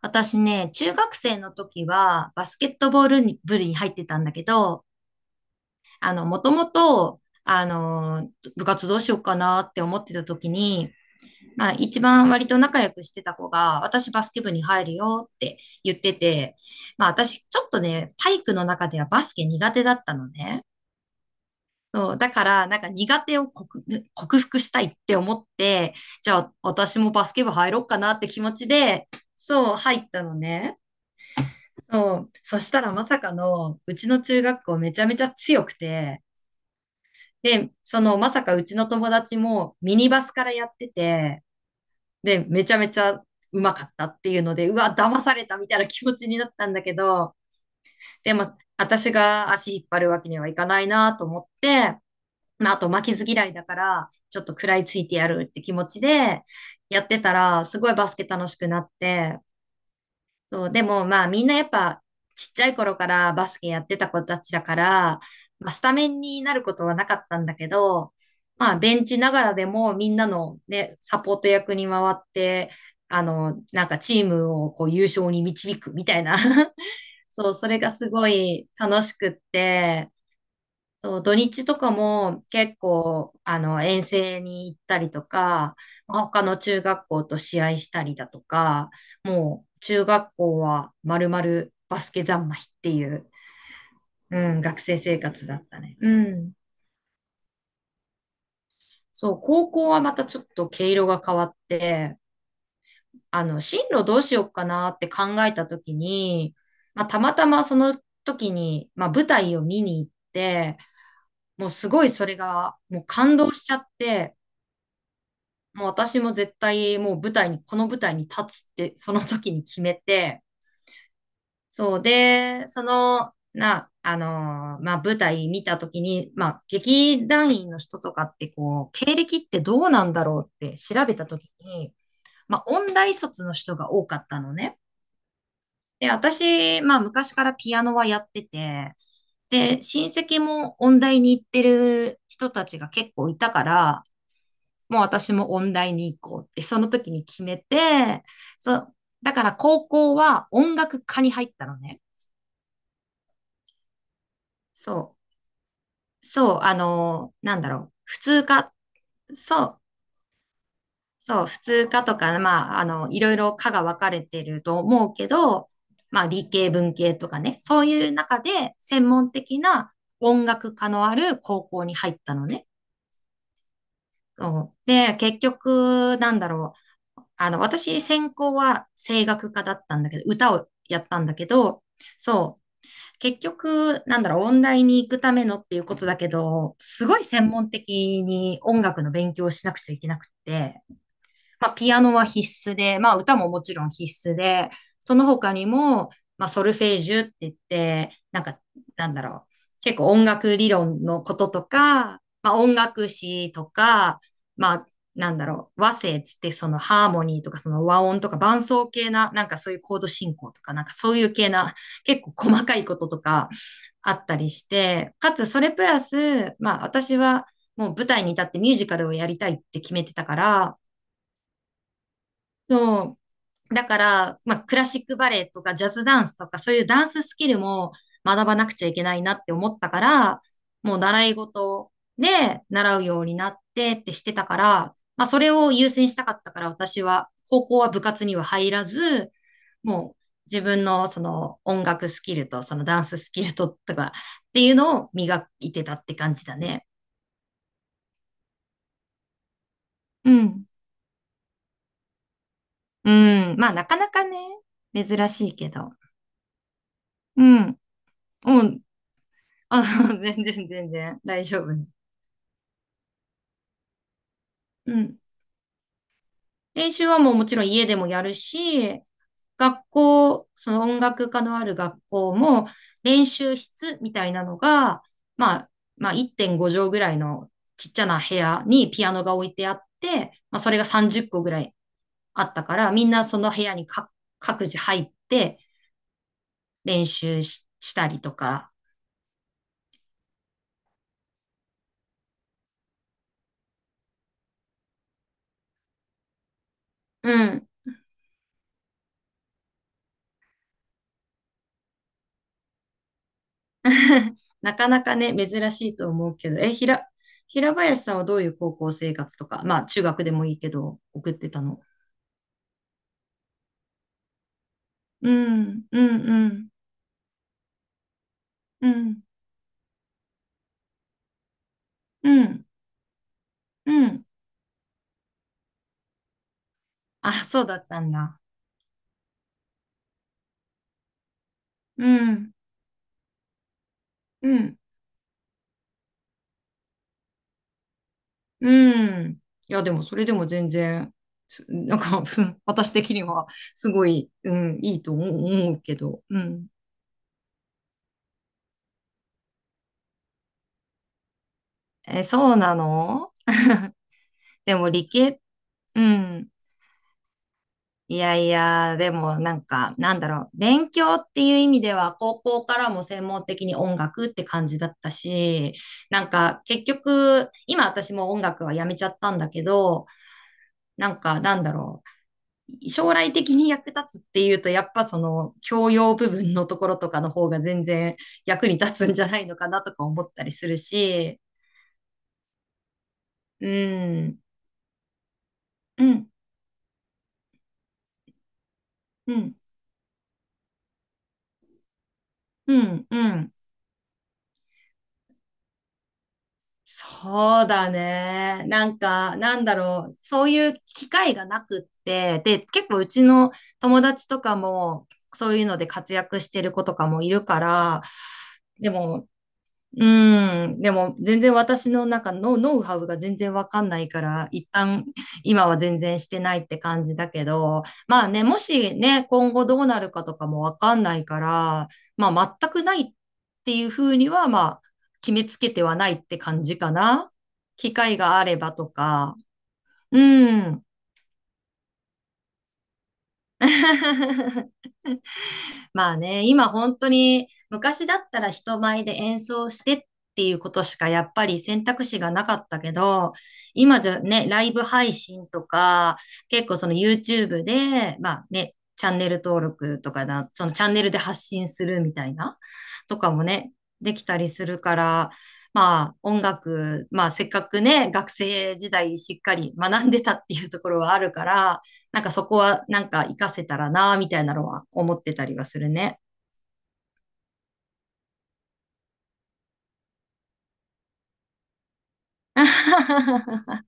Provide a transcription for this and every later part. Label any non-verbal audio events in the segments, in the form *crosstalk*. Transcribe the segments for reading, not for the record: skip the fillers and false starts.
私ね、中学生の時はバスケットボールに部に入ってたんだけど、もともと、部活どうしようかなって思ってた時に、まあ一番割と仲良くしてた子が、私バスケ部に入るよって言ってて、まあ私ちょっとね、体育の中ではバスケ苦手だったのね。そう、だからなんか苦手を克服したいって思って、じゃあ私もバスケ部入ろうかなって気持ちで、そう、入ったのね。そう。そしたらまさかの、うちの中学校めちゃめちゃ強くて、で、そのまさかうちの友達もミニバスからやってて、で、めちゃめちゃうまかったっていうので、うわ、騙されたみたいな気持ちになったんだけど、でも、私が足引っ張るわけにはいかないなと思って、まあ、あと負けず嫌いだから、ちょっと食らいついてやるって気持ちで、やってたら、すごいバスケ楽しくなって、そう、でもまあみんなやっぱちっちゃい頃からバスケやってた子たちだから、まあ、スタメンになることはなかったんだけど、まあベンチながらでもみんなのね、サポート役に回って、なんかチームをこう優勝に導くみたいな *laughs* そう、それがすごい楽しくって、そう、土日とかも結構、遠征に行ったりとか、まあ他の中学校と試合したりだとか、もう中学校は丸々バスケ三昧っていう、うん、学生生活だったね。うん。そう、高校はまたちょっと毛色が変わって、進路どうしようかなって考えた時に、まあ、たまたまその時に、まあ、舞台を見に行って、もうすごいそれが、もう感動しちゃって、もう私も絶対もう舞台に、この舞台に立つって *laughs* その時に決めて、そうで、その、な、あのーまあ、舞台見た時に、まあ、劇団員の人とかってこう、経歴ってどうなんだろうって調べた時に、まあ、音大卒の人が多かったのね。で、私、まあ、昔からピアノはやってて、で、親戚も音大に行ってる人たちが結構いたから、もう私も音大に行こうって、その時に決めて、そう、だから高校は音楽科に入ったのね。そう、そう、なんだろう、普通科、そう、そう、普通科とか、まあ、いろいろ科が分かれてると思うけど、まあ、理系、文系とかね、そういう中で専門的な音楽科のある高校に入ったのね。そうで、結局、なんだろう。私、専攻は声楽科だったんだけど、歌をやったんだけど、そう。結局、なんだろう、音大に行くためのっていうことだけど、すごい専門的に音楽の勉強をしなくちゃいけなくって、まあ、ピアノは必須で、まあ、歌ももちろん必須で、その他にも、まあ、ソルフェージュって言って、なんか、なんだろう、結構音楽理論のこととか、まあ、音楽史とか、まあ、なんだろう、和声っつってそのハーモニーとかその和音とか伴奏系な、なんかそういうコード進行とか、なんかそういう系な、結構細かいこととかあったりして、かつそれプラス、まあ私はもう舞台に立ってミュージカルをやりたいって決めてたから、そう、だから、まあ、クラシックバレエとかジャズダンスとか、そういうダンススキルも学ばなくちゃいけないなって思ったから、もう習い事で習うようになってってしてたから、まあ、それを優先したかったから、私は、高校は部活には入らず、もう自分のその音楽スキルとそのダンススキルととかっていうのを磨いてたって感じだね。うん。うん。まあ、なかなかね、珍しいけど。うん。もうあ、*laughs* 全然全然大丈夫ね。うん。練習はもうもちろん家でもやるし、学校、その音楽科のある学校も練習室みたいなのが、まあ、まあ1.5畳ぐらいのちっちゃな部屋にピアノが置いてあって、まあそれが30個ぐらいあったから、みんなその部屋にか各自入って練習したりとか、うん *laughs* なかなかね、珍しいと思うけど、え、ひら、平林さんはどういう高校生活とか、まあ中学でもいいけど、送ってたの？うん、うん、うん、うん、うん、うん。あ、そうだったんだ。うん、うん、うん。いや、でもそれでも全然、なんか、*laughs* 私的にはすごい、うん、いいと思うけど、うん。え、そうなの？でも理系、うん。いやいや、でもなんか、なんだろう、勉強っていう意味では、高校からも専門的に音楽って感じだったし、なんか結局、今私も音楽はやめちゃったんだけど、なんかなんだろう、将来的に役立つっていうと、やっぱその教養部分のところとかの方が全然役に立つんじゃないのかなとか思ったりするし、うん、うん、うん、うん、うん。そうだね。なんか、なんだろう。そういう機会がなくって、で、結構うちの友達とかも、そういうので活躍してる子とかもいるから、でもうん。でも、全然私の中のノウハウが全然わかんないから、一旦、今は全然してないって感じだけど、まあね、もしね、今後どうなるかとかもわかんないから、まあ、全くないっていうふうには、まあ、決めつけてはないって感じかな。機会があればとか。うん。*laughs* まあね、今本当に昔だったら人前で演奏してっていうことしかやっぱり選択肢がなかったけど、今じゃね、ライブ配信とか、結構その YouTube で、まあね、チャンネル登録とかだ、そのチャンネルで発信するみたいな、とかもね、できたりするから、まあ音楽、まあせっかくね、学生時代しっかり学んでたっていうところはあるから、なんかそこはなんか活かせたらな、みたいなのは思ってたりはするね。*laughs*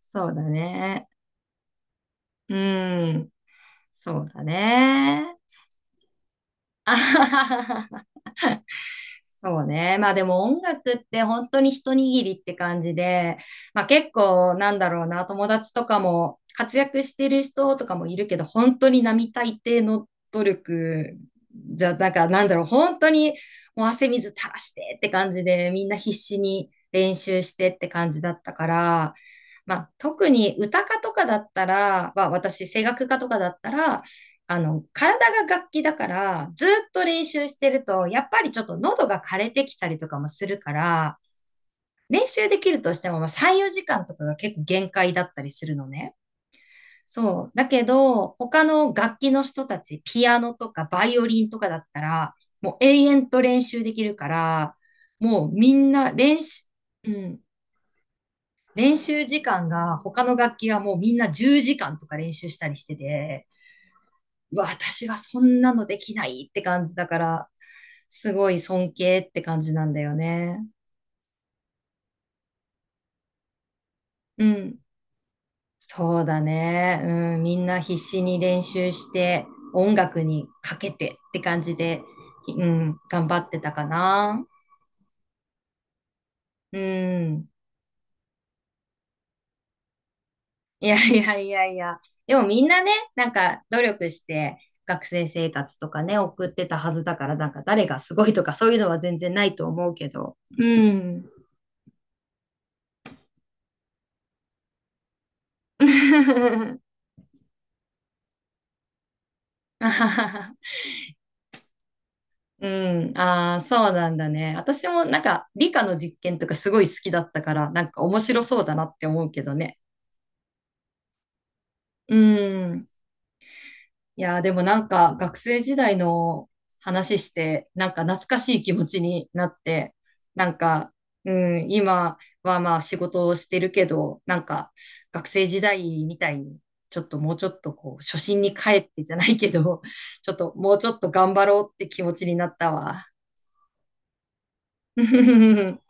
そうだね。うん。そうだね。*laughs* そうね。まあでも音楽って本当に一握りって感じで、まあ結構なんだろうな、友達とかも活躍してる人とかもいるけど、本当に並大抵の努力じゃ、なんかなんだろう、本当にもう汗水垂らしてって感じで、みんな必死に練習してって感じだったから、まあ特に歌家とかだったら、まあ私声楽家とかだったら、体が楽器だから、ずっと練習してると、やっぱりちょっと喉が枯れてきたりとかもするから、練習できるとしても、まあ、3、4時間とかが結構限界だったりするのね。そう。だけど、他の楽器の人たち、ピアノとかバイオリンとかだったら、もう永遠と練習できるから、もうみんな練習、うん、練習時間が、他の楽器はもうみんな10時間とか練習したりしてて、私はそんなのできないって感じだから、すごい尊敬って感じなんだよね。うん。そうだね。うん。みんな必死に練習して、音楽にかけてって感じで、うん、頑張ってたかな。うん。いやいやいやいや。でもみんなね、なんか努力して学生生活とかね、送ってたはずだから、なんか誰がすごいとかそういうのは全然ないと思うけど。うん。*laughs* うん、ああ、そうなんだね。私もなんか理科の実験とかすごい好きだったから、なんか面白そうだなって思うけどね。うん。いやー、でもなんか学生時代の話して、なんか懐かしい気持ちになって、なんか、うん、今はまあ仕事をしてるけど、なんか学生時代みたいに、ちょっともうちょっとこう、初心に帰ってじゃないけど、ちょっともうちょっと頑張ろうって気持ちになったわ。*laughs*